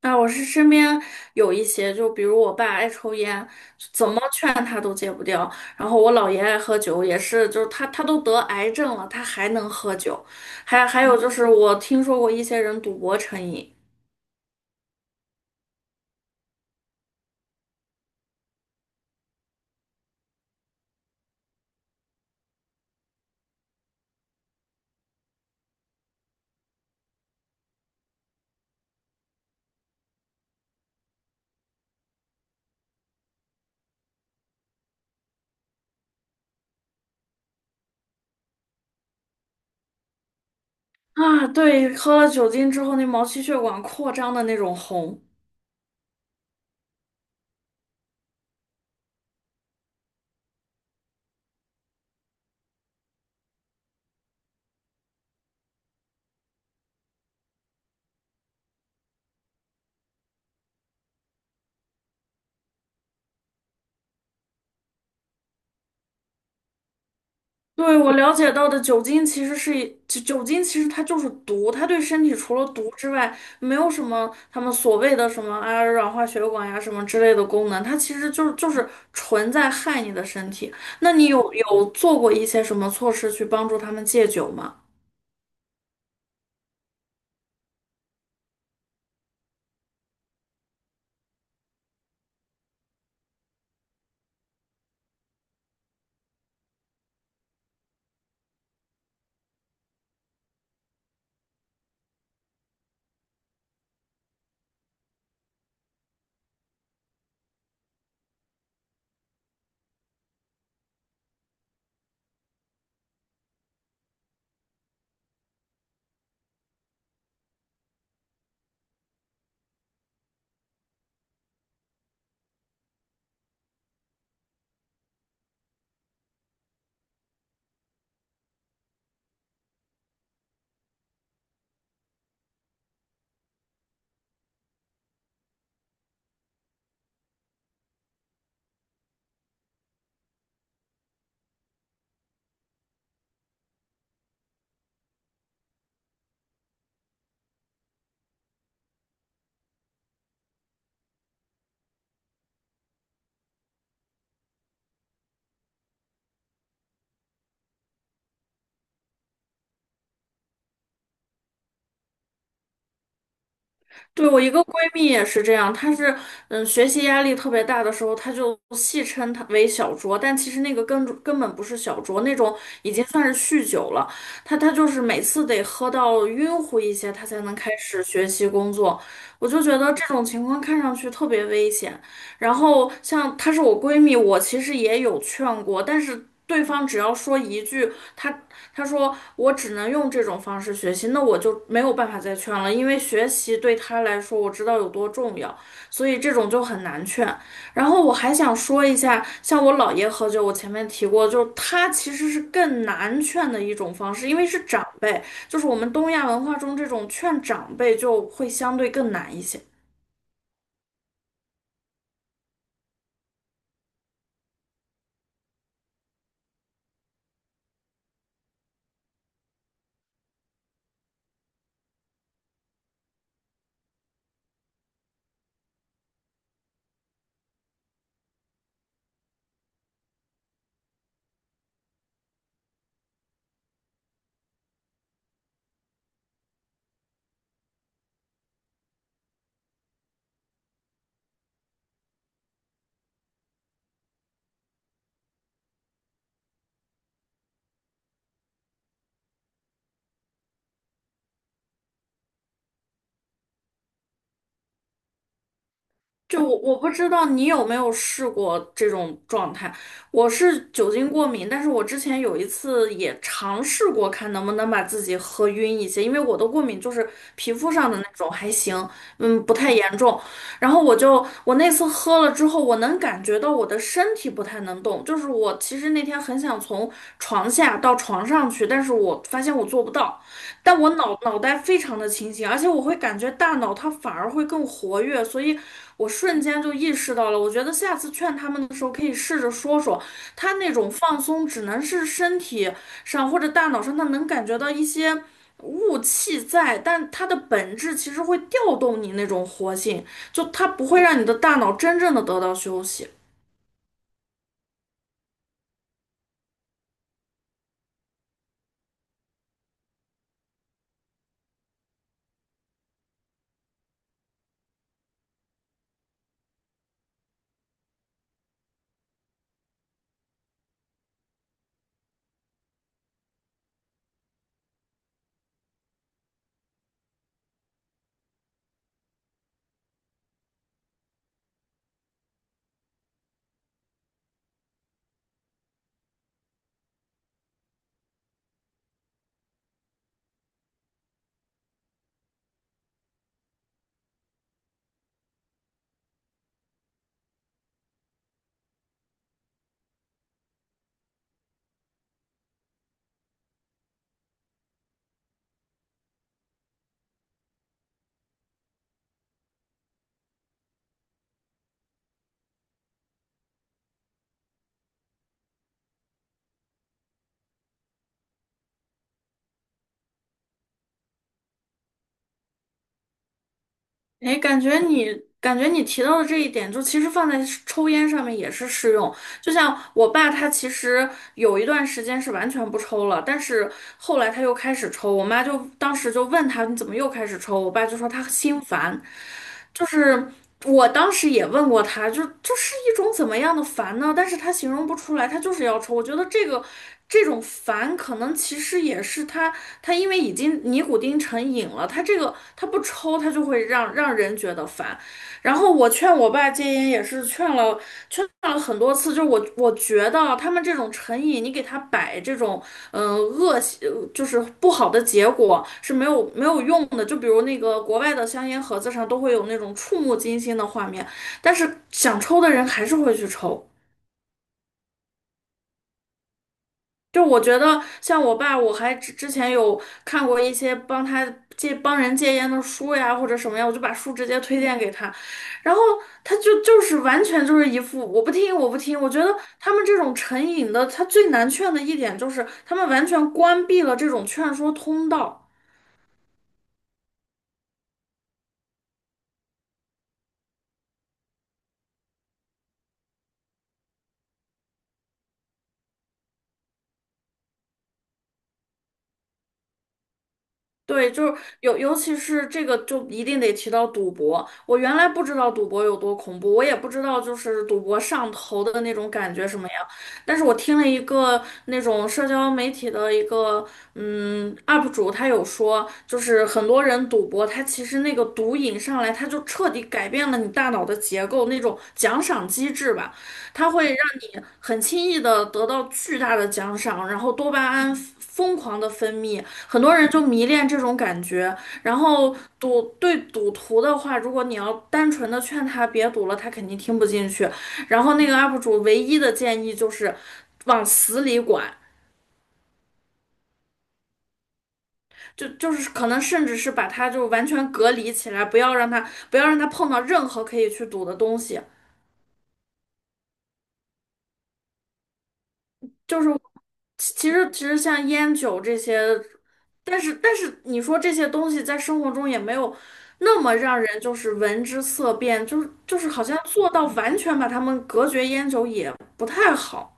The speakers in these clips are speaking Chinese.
啊，我是身边有一些，就比如我爸爱抽烟，怎么劝他都戒不掉。然后我姥爷爱喝酒，也是，就是他都得癌症了，他还能喝酒。还有就是，我听说过一些人赌博成瘾。啊，对，喝了酒精之后那毛细血管扩张的那种红。对，我了解到的酒精其实是酒精其实它就是毒，它对身体除了毒之外，没有什么他们所谓的什么啊软化血管呀什么之类的功能，它其实就是纯在害你的身体。那你有做过一些什么措施去帮助他们戒酒吗？对，我一个闺蜜也是这样，她是学习压力特别大的时候，她就戏称她为小酌，但其实那个根本不是小酌，那种已经算是酗酒了。她就是每次得喝到晕乎一些，她才能开始学习工作。我就觉得这种情况看上去特别危险。然后像她是我闺蜜，我其实也有劝过，但是对方只要说一句，她她说我只能用这种方式学习，那我就没有办法再劝了，因为学习对她来说我知道有多重要，所以这种就很难劝。然后我还想说一下，像我姥爷喝酒，我前面提过，就是他其实是更难劝的一种方式，因为是长辈，就是我们东亚文化中这种劝长辈就会相对更难一些。就我不知道你有没有试过这种状态，我是酒精过敏，但是我之前有一次也尝试过，看能不能把自己喝晕一些，因为我的过敏就是皮肤上的那种，还行，嗯，不太严重。然后我就我那次喝了之后，我能感觉到我的身体不太能动，就是我其实那天很想从床下到床上去，但是我发现我做不到。但我脑袋非常的清醒，而且我会感觉大脑它反而会更活跃，所以我瞬间就意识到了。我觉得下次劝他们的时候，可以试着说说，他那种放松只能是身体上或者大脑上，他能感觉到一些雾气在，但它的本质其实会调动你那种活性，就它不会让你的大脑真正的得到休息。哎，感觉你提到的这一点，就其实放在抽烟上面也是适用。就像我爸，他其实有一段时间是完全不抽了，但是后来他又开始抽。我妈就当时就问他，你怎么又开始抽？我爸就说他心烦，就是。我当时也问过他，就是一种怎么样的烦呢？但是他形容不出来，他就是要抽。我觉得这种烦，可能其实也是他因为已经尼古丁成瘾了，他这个他不抽，他就会让人觉得烦。然后我劝我爸戒烟也是劝了很多次，就是我觉得啊他们这种成瘾，你给他摆这种恶习就是不好的结果是没有用的。就比如那个国外的香烟盒子上都会有那种触目惊心的画面，但是想抽的人还是会去抽。就我觉得，像我爸，我还之前有看过一些帮他帮人戒烟的书呀，或者什么呀，我就把书直接推荐给他，然后他就是完全就是一副我不听我不听。我觉得他们这种成瘾的，他最难劝的一点就是他们完全关闭了这种劝说通道。对，就是尤其是这个，就一定得提到赌博。我原来不知道赌博有多恐怖，我也不知道就是赌博上头的那种感觉什么样。但是我听了一个那种社交媒体的一个UP 主，他有说，就是很多人赌博，他其实那个毒瘾上来，他就彻底改变了你大脑的结构，那种奖赏机制吧，它会让你很轻易的得到巨大的奖赏，然后多巴胺疯狂的分泌。很多人就迷恋这种感觉，然后对赌徒的话，如果你要单纯的劝他别赌了，他肯定听不进去。然后那个 UP 主唯一的建议就是往死里管，就是可能甚至是把他就完全隔离起来，不要让他碰到任何可以去赌的东西。就是其实像烟酒这些，但是你说这些东西在生活中也没有那么让人就是闻之色变，就是好像做到完全把它们隔绝烟酒也不太好。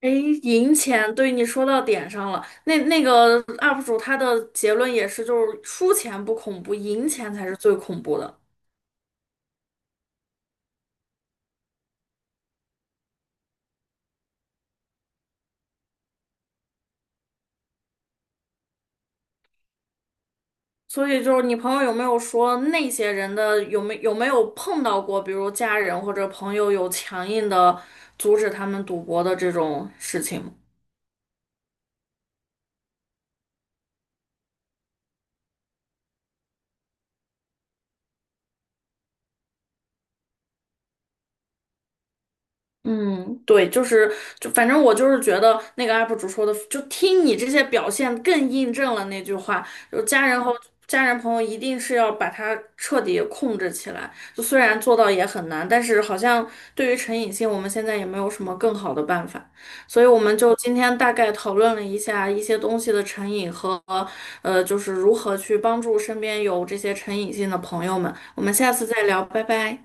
哎，赢钱，对你说到点上了。那个 UP 主他的结论也是，就是输钱不恐怖，赢钱才是最恐怖的。所以就是你朋友有没有说那些人的有没有碰到过，比如家人或者朋友有强硬的阻止他们赌博的这种事情吗？嗯，对，就反正我就是觉得那个 UP 主说的，就听你这些表现更印证了那句话，就家人和家人朋友一定是要把它彻底控制起来。就虽然做到也很难，但是好像对于成瘾性，我们现在也没有什么更好的办法，所以我们就今天大概讨论了一下一些东西的成瘾和就是如何去帮助身边有这些成瘾性的朋友们。我们下次再聊，拜拜。